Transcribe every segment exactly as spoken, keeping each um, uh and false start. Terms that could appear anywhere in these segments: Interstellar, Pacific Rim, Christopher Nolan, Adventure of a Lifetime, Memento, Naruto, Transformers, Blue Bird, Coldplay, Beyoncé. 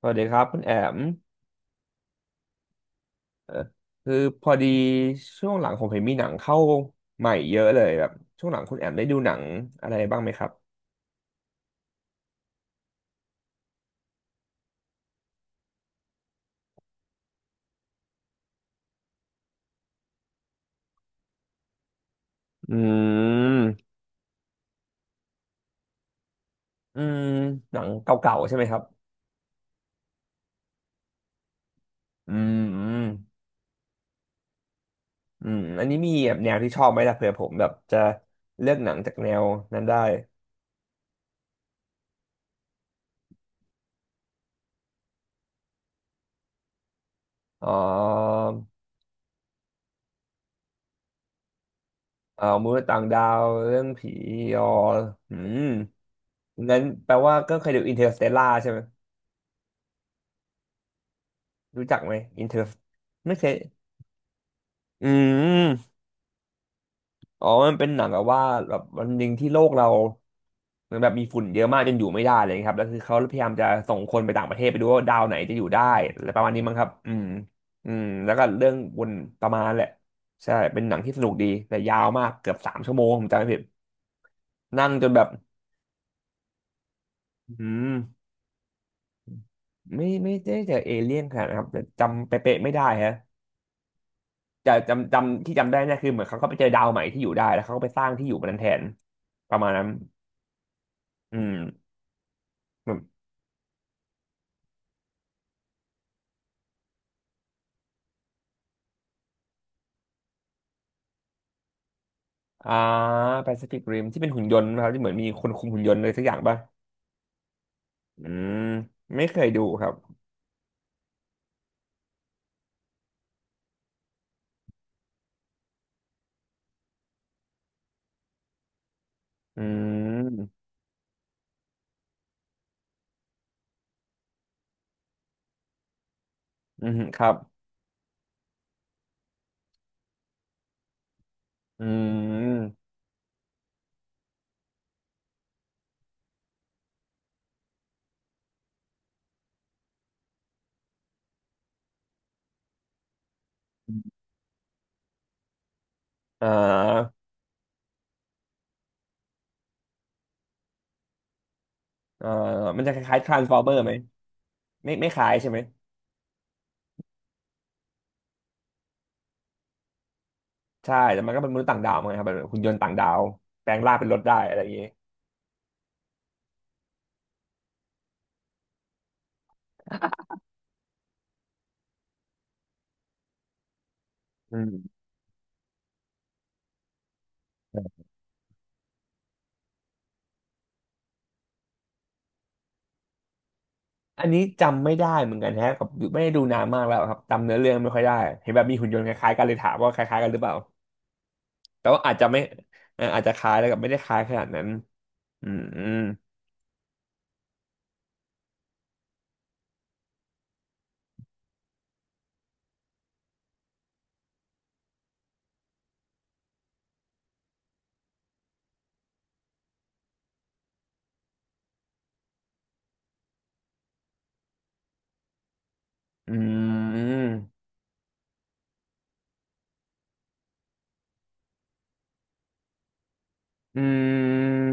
สวัสดีครับคุณแอมคือพอดีช่วงหลังผมเห็นมีหนังเข้าใหม่เยอะเลยแบบช่วงหลังคุณแอมได้ดูหนังอะไรบ้างไหมครับอืมอืมหนังเก่าๆใช่ไหมครับอืมอืมอืมอันนี้มีแบบแนวที่ชอบไหมล่ะเผื่อผมแบบจะเลือกหนังจากแนวนั้นได้อ๋อเอ่อมนุษย์ต่างดาวเรื่องผีอออืมงั้นแปลว่าก็เคยดูอินเตอร์สเตลล่าใช่ไหมรู้จักไหมอินเตอร์ไม่เคยอืม อ๋อมันเป็นหนังแบบว่าแบบวันหนึ่งที่โลกเราเหมือนแบบมีฝุ่นเยอะมากจนอยู่ไม่ได้อะไรอย่างเลยครับแล้วคือเขาพยายามจะส่งคนไปต่างประเทศไปดูว่าดาวไหนจะอยู่ได้อะไรประมาณนี้มั้งครับอืมอืมแล้วก็เรื่องวนประมาณนั้นแหละใช่เป็นหนังที่สนุกดีแต่ยาวมากเกือบสามชั่วโมงผมจำไม่ผิดนั่งจนแบบอืมไม่ไม่ได้เจอเอเลี่ยนขนาดนะครับแต่จำเป๊ะๆไม่ได้ฮะแต่จำจำที่จำได้เนี่ยคือเหมือนเขาก็ไปเจอดาวใหม่ที่อยู่ได้แล้วเขาก็ไปสร้างที่อยู่บนนั้นแทนประมาณนั้นอืม อ่าแปซิฟิกริมที่เป็นหุ่นยนต์นะครับที่เหมือนมีคนคุมหุ่นยนต์อะไรสักอย่างป่ะอืมไม่เคยดูครับอืมอืมครับอืมอ่าเอ่อมันจะคล้ายๆทรานส์ฟอร์เมอร์ไหมไม่ไม่คล้ายใช่ไหมใช่แต่มันก็เป็นมนุษย์ต่างดาวเหมือนกันครับแบบหุ่นยนต์ต่างดาวแปลงร่างเป็นรถได้อะไรอย่างงี้อืมอันนี้จำไม่ได้เหมือนกันแฮะกับไม่ได้ดูนานมากแล้วครับจำเนื้อเรื่องไม่ค่อยได้เห็นแบบมีหุ่นยนต์คล้ายๆกันเลยถามว่าคล้ายๆกันหรือเปล่า แต่ว่าอาจจะไม่เอ่ออาจจะคล้ายแล้วกับไม่ได้คล้ายขนาดนั้นอืมอืมอืมอืม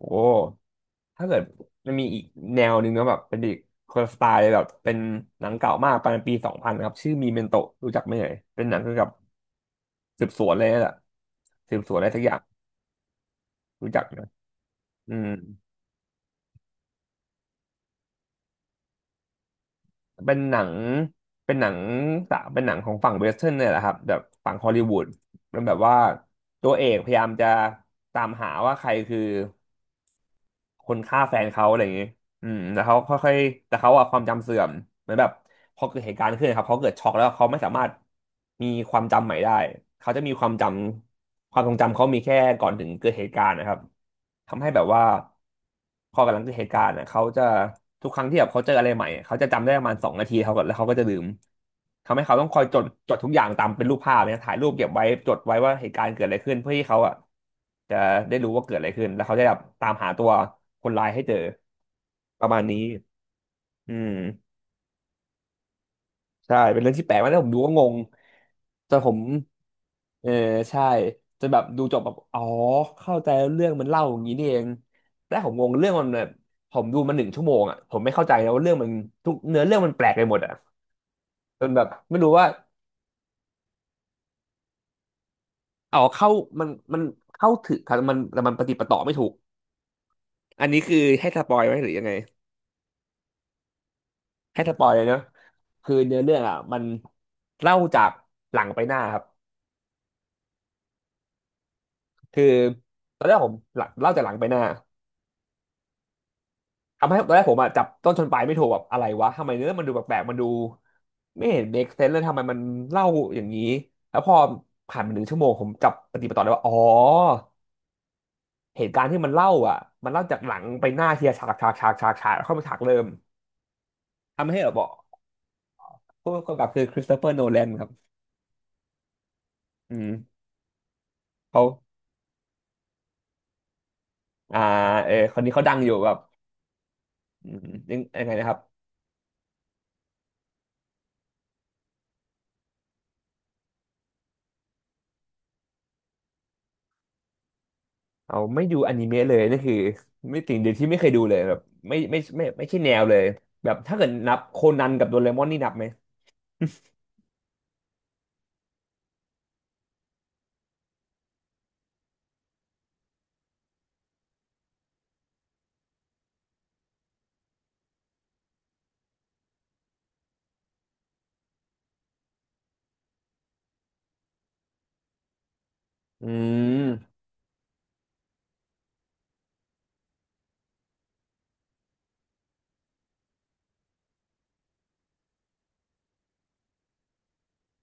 โอ้ถ้าเกิดมันมีอีกแนวหนึ่งนะแบบเป็นอีกคนละสไตล์เลยแบบเป็นหนังเก่ามากประมาณปีสองพันครับชื่อมีเมนโตรู้จักไหมเอ่ยเป็นหนังเกี่ยวกับสืบสวนเลยแหละสืบสวนอะไรสักอย่างรู้จักนะอืม เป็นหนัง เป็นหนังสาเป็นหนังของฝั่งเวสเทิร์นเนี่ยแหละครับแบบฝั่งฮอลลีวูดมันแบบว่าตัวเอกพยายามจะตามหาว่าใครคือคนฆ่าแฟนเขาอะไรอย่างนี้ อืมแต่เขาค่อยๆแต่เขาอะความจำเสื่อมเหมือนแบบพอเกิดเหตุการณ์ขึ้นครับเขาเกิดช็อกแล้วเขาไม่สามารถมีความจำใหม่ได้เขาจะมีความจำความทรงจำเขามีแค่ก่อนถึงเกิดเหตุการณ์นะครับทำให้แบบว่าพอกำลังเกิดเหตุการณ์อะเขาจะทุกครั้งที่แบบเขาเจออะไรใหม่เขาจะจำได้ประมาณสองนาทีเขาก็แล้วเขาก็จะลืมทำให้เขาต้องคอยจดจดทุกอย่างตามเป็นรูปภาพเนี่ยถ่ายรูปเก็บไว้จดไว้ว่าเหตุการณ์เกิดอะไรขึ้นเพื่อที่เขาอะจะได้รู้ว่าเกิดอะไรขึ้นแล้วเขาจะแบบตามหาตัวคนร้ายให้เจอ ประมาณนี้อืมใช่เป็นเรื่องที่แปลกมากแล้วผมดูก็งงแต่ผมเออใช่จนแบบดูจบแบบอ๋อเข้าใจแล้วเรื่องมันเล่าอย่างนี้นี่เองแต่ผมงงเรื่องมันแบบผมดูมาหนึ่งชั่วโมงอ่ะผมไม่เข้าใจนะว่าเรื่องมันทุกเนื้อเรื่องมันแปลกไปหมดอ่ะจนแบบไม่รู้ว่าอ๋อเข้ามันมันเข้าถึงครับมันแต่มันปฏิปต่อไม่ถูกอันนี้คือให้สปอยไหมหรือยังไงให้สปอยเลยเนอะคือเนื้อเรื่องอ่ะมันเล่าจากหลังไปหน้าครับ คือตอนแรกผมหลังเล่าจากหลังไปหน้าทำให้ตอนแรกผมอะจับต้นชนปลายไม่ถูกแบบอะไรวะทำไมเนื้อมันดูแปลกๆมันดูไม่เห็น make sense เลยทำไมมันเล่าอย่างนี้แล้วพอผ่านไปหนึ่งชั่วโมงผมจับปฏิปต่อได้ว่าอ๋อเหตุการณ์ที่มันเล่าอ่ะมันเล่าจากหลังไปหน้าทีละฉากฉากฉากฉากฉากแล้วเข้ามาฉากเริ่มทำให้เราบอกผู้กำกับคือคริสโตเฟอร์โนแลนครับอืมเขาอ่าเออคนนี้เขาดังอยู่แบบอืมยังยังไงนะครับ เอาไม่ดูอนิเมะเลยนี่คือไม่สิ่งเดียวที่ไม่เคยดูเลยแบบไม่ไม่ไม่ไม่ใช่แนวเลยแบบถ้าเกิดนับโคนันกับโดเรมอนนี่นับไหม อืม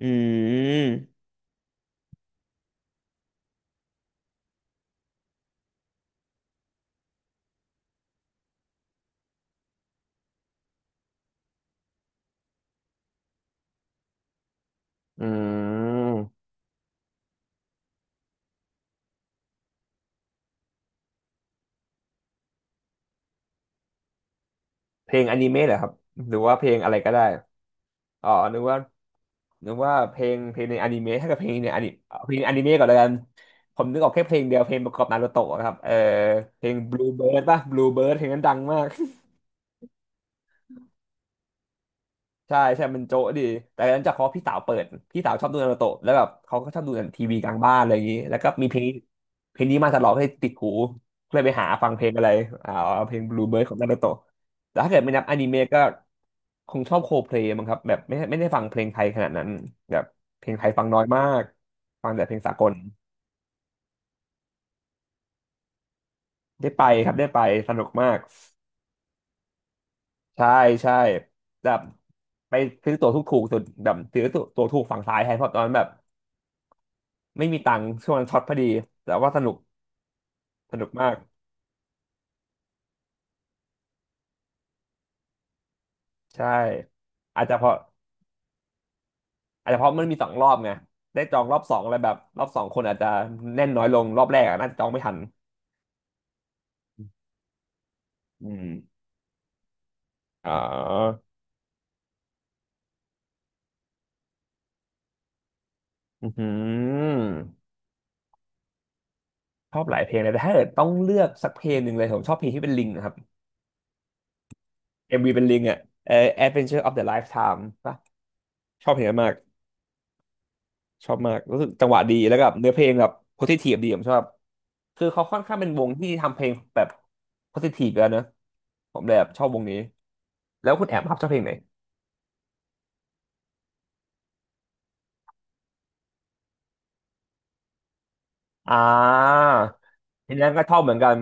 อืมอืมเพลงอนิเมะเหรอครับหรือว่าเพลงอะไรก็ได้อ๋อนึกว่านึกว่าเพลงเพลงในอนิเมะถ้าเกิดเพลงในอนิเอาเพลงอนิเมะก่อนแล้วกันผมนึกออกแค่เพลงเดียวเพลงประกอบนารูโตะครับเออเพลง Blue Bird ป่ะ Blue Bird เพลงนั้นดังมาก ใช่ใช่มันโจ๊ะดีแต่หลังจากเขาะพี่สาวเปิดพี่สาวชอบดูนารูโตะแล้วแบบเขาก็ชอบดูทีวีกลางบ้านอะไรอย่างนี้แล้วก็มีเพลงเพลงนี้มาตลอดให้ติดหูก็เลยไปหาฟังเพลงอะไรอ่าเพลงบลูเบิร์ดของนารูโตะแต่ถ้าเกิดไม่นับอนิเมะก็คงชอบโคเพลย์มั้งครับแบบไม่ไม่ได้ฟังเพลงไทยขนาดนั้นแบบเพลงไทยฟังน้อยมากฟังแต่เพลงสากลได้ไปครับได้ไปสนุกมากใช่ใช่แบบไปซื้อตั๋วถูกถูกสุดแบบซื้อตั๋วถูกฝั่งซ้ายแทนเพราะตอนนั้นแบบ ไม่มีตังค์ช่วงนั้นช็อตพอดีแต่ว่าสนุกสนุกมากใช่อาจจะเพราะอาจจะเพราะมันมีสองรอบไงได้จองรอบสองอะไรแบบรอบสองคนอาจจะแน่นน้อยลงรอบแรกอะน่าจะจองไม่ทันอืมอ๋ออือหือชอบหลายเพลงเลยแต่ถ้าเกิดต้องเลือกสักเพลงหนึ่งเลยผมชอบเพลงที่เป็นลิงนะครับ เอ็ม วี เป็นลิงอ่ะเออ Adventure of the Lifetime ป่ะชอบเพลงนั้นมาก ชอบมากรู้สึกจังหวะดีแล้วก็แบบเนื้อเพลงแบบโพสิทีฟดีผมชอบคือเขาค่อนข้างเป็นวงที่ทำเพลงแบบโพสิทีฟแล้วเนอะผมเลยแบบชอบวงนี้แล้วคุณแอมครับชอบเพลงไหนอ่าทีนั้นก็ชอบเหมือนกัน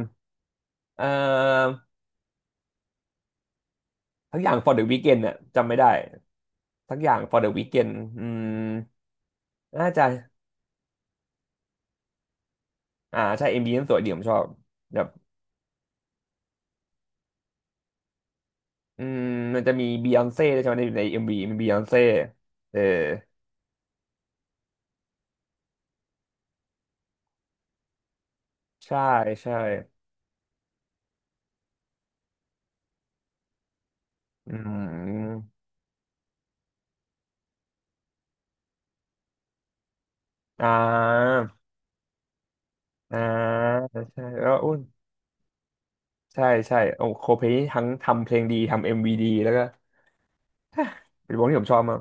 เอ่อทั้งอย่าง for the weekend เนี่ยจำไม่ได้ทั้งอย่าง for the weekend อืมน่าจะอ่าใช่ m ีนั้นสวยดีผมชอบแบบอืมมันจะมีบียอนเซ่ใช่ไหมในในเอ็มวีมีบียอนเซ่เออใช่ใช่อืมอ่า อ่าใช่แล้วอุ้นใช่ใช่โอ้โคเพลนี่ทั้งทำเพลงดีทำเอ็มวีดีแล้วก็ เป็นวงที่ผมชอบมาก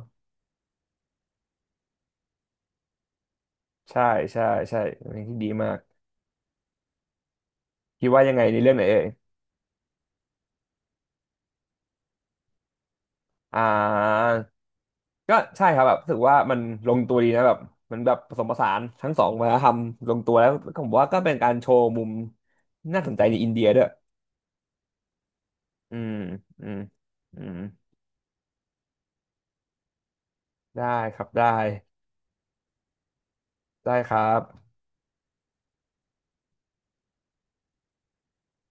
ใช่ใช่ใช่เป็นเพลงที่ดีมากคิดว่ายังไงในเรื่องไหนเอ่ยอ่าก็ใช่ครับแบบรู้สึกว่ามันลงตัวดีนะแบบมันแบบผสมผสานทั้งสองวัฒนธรรมลงตัวแล้วก็ผมว่าก็เป็นการโชว์มุมน่าสนใจในอินเดียด้วยอืมอืมอืมได้ครับได้ได้ครับ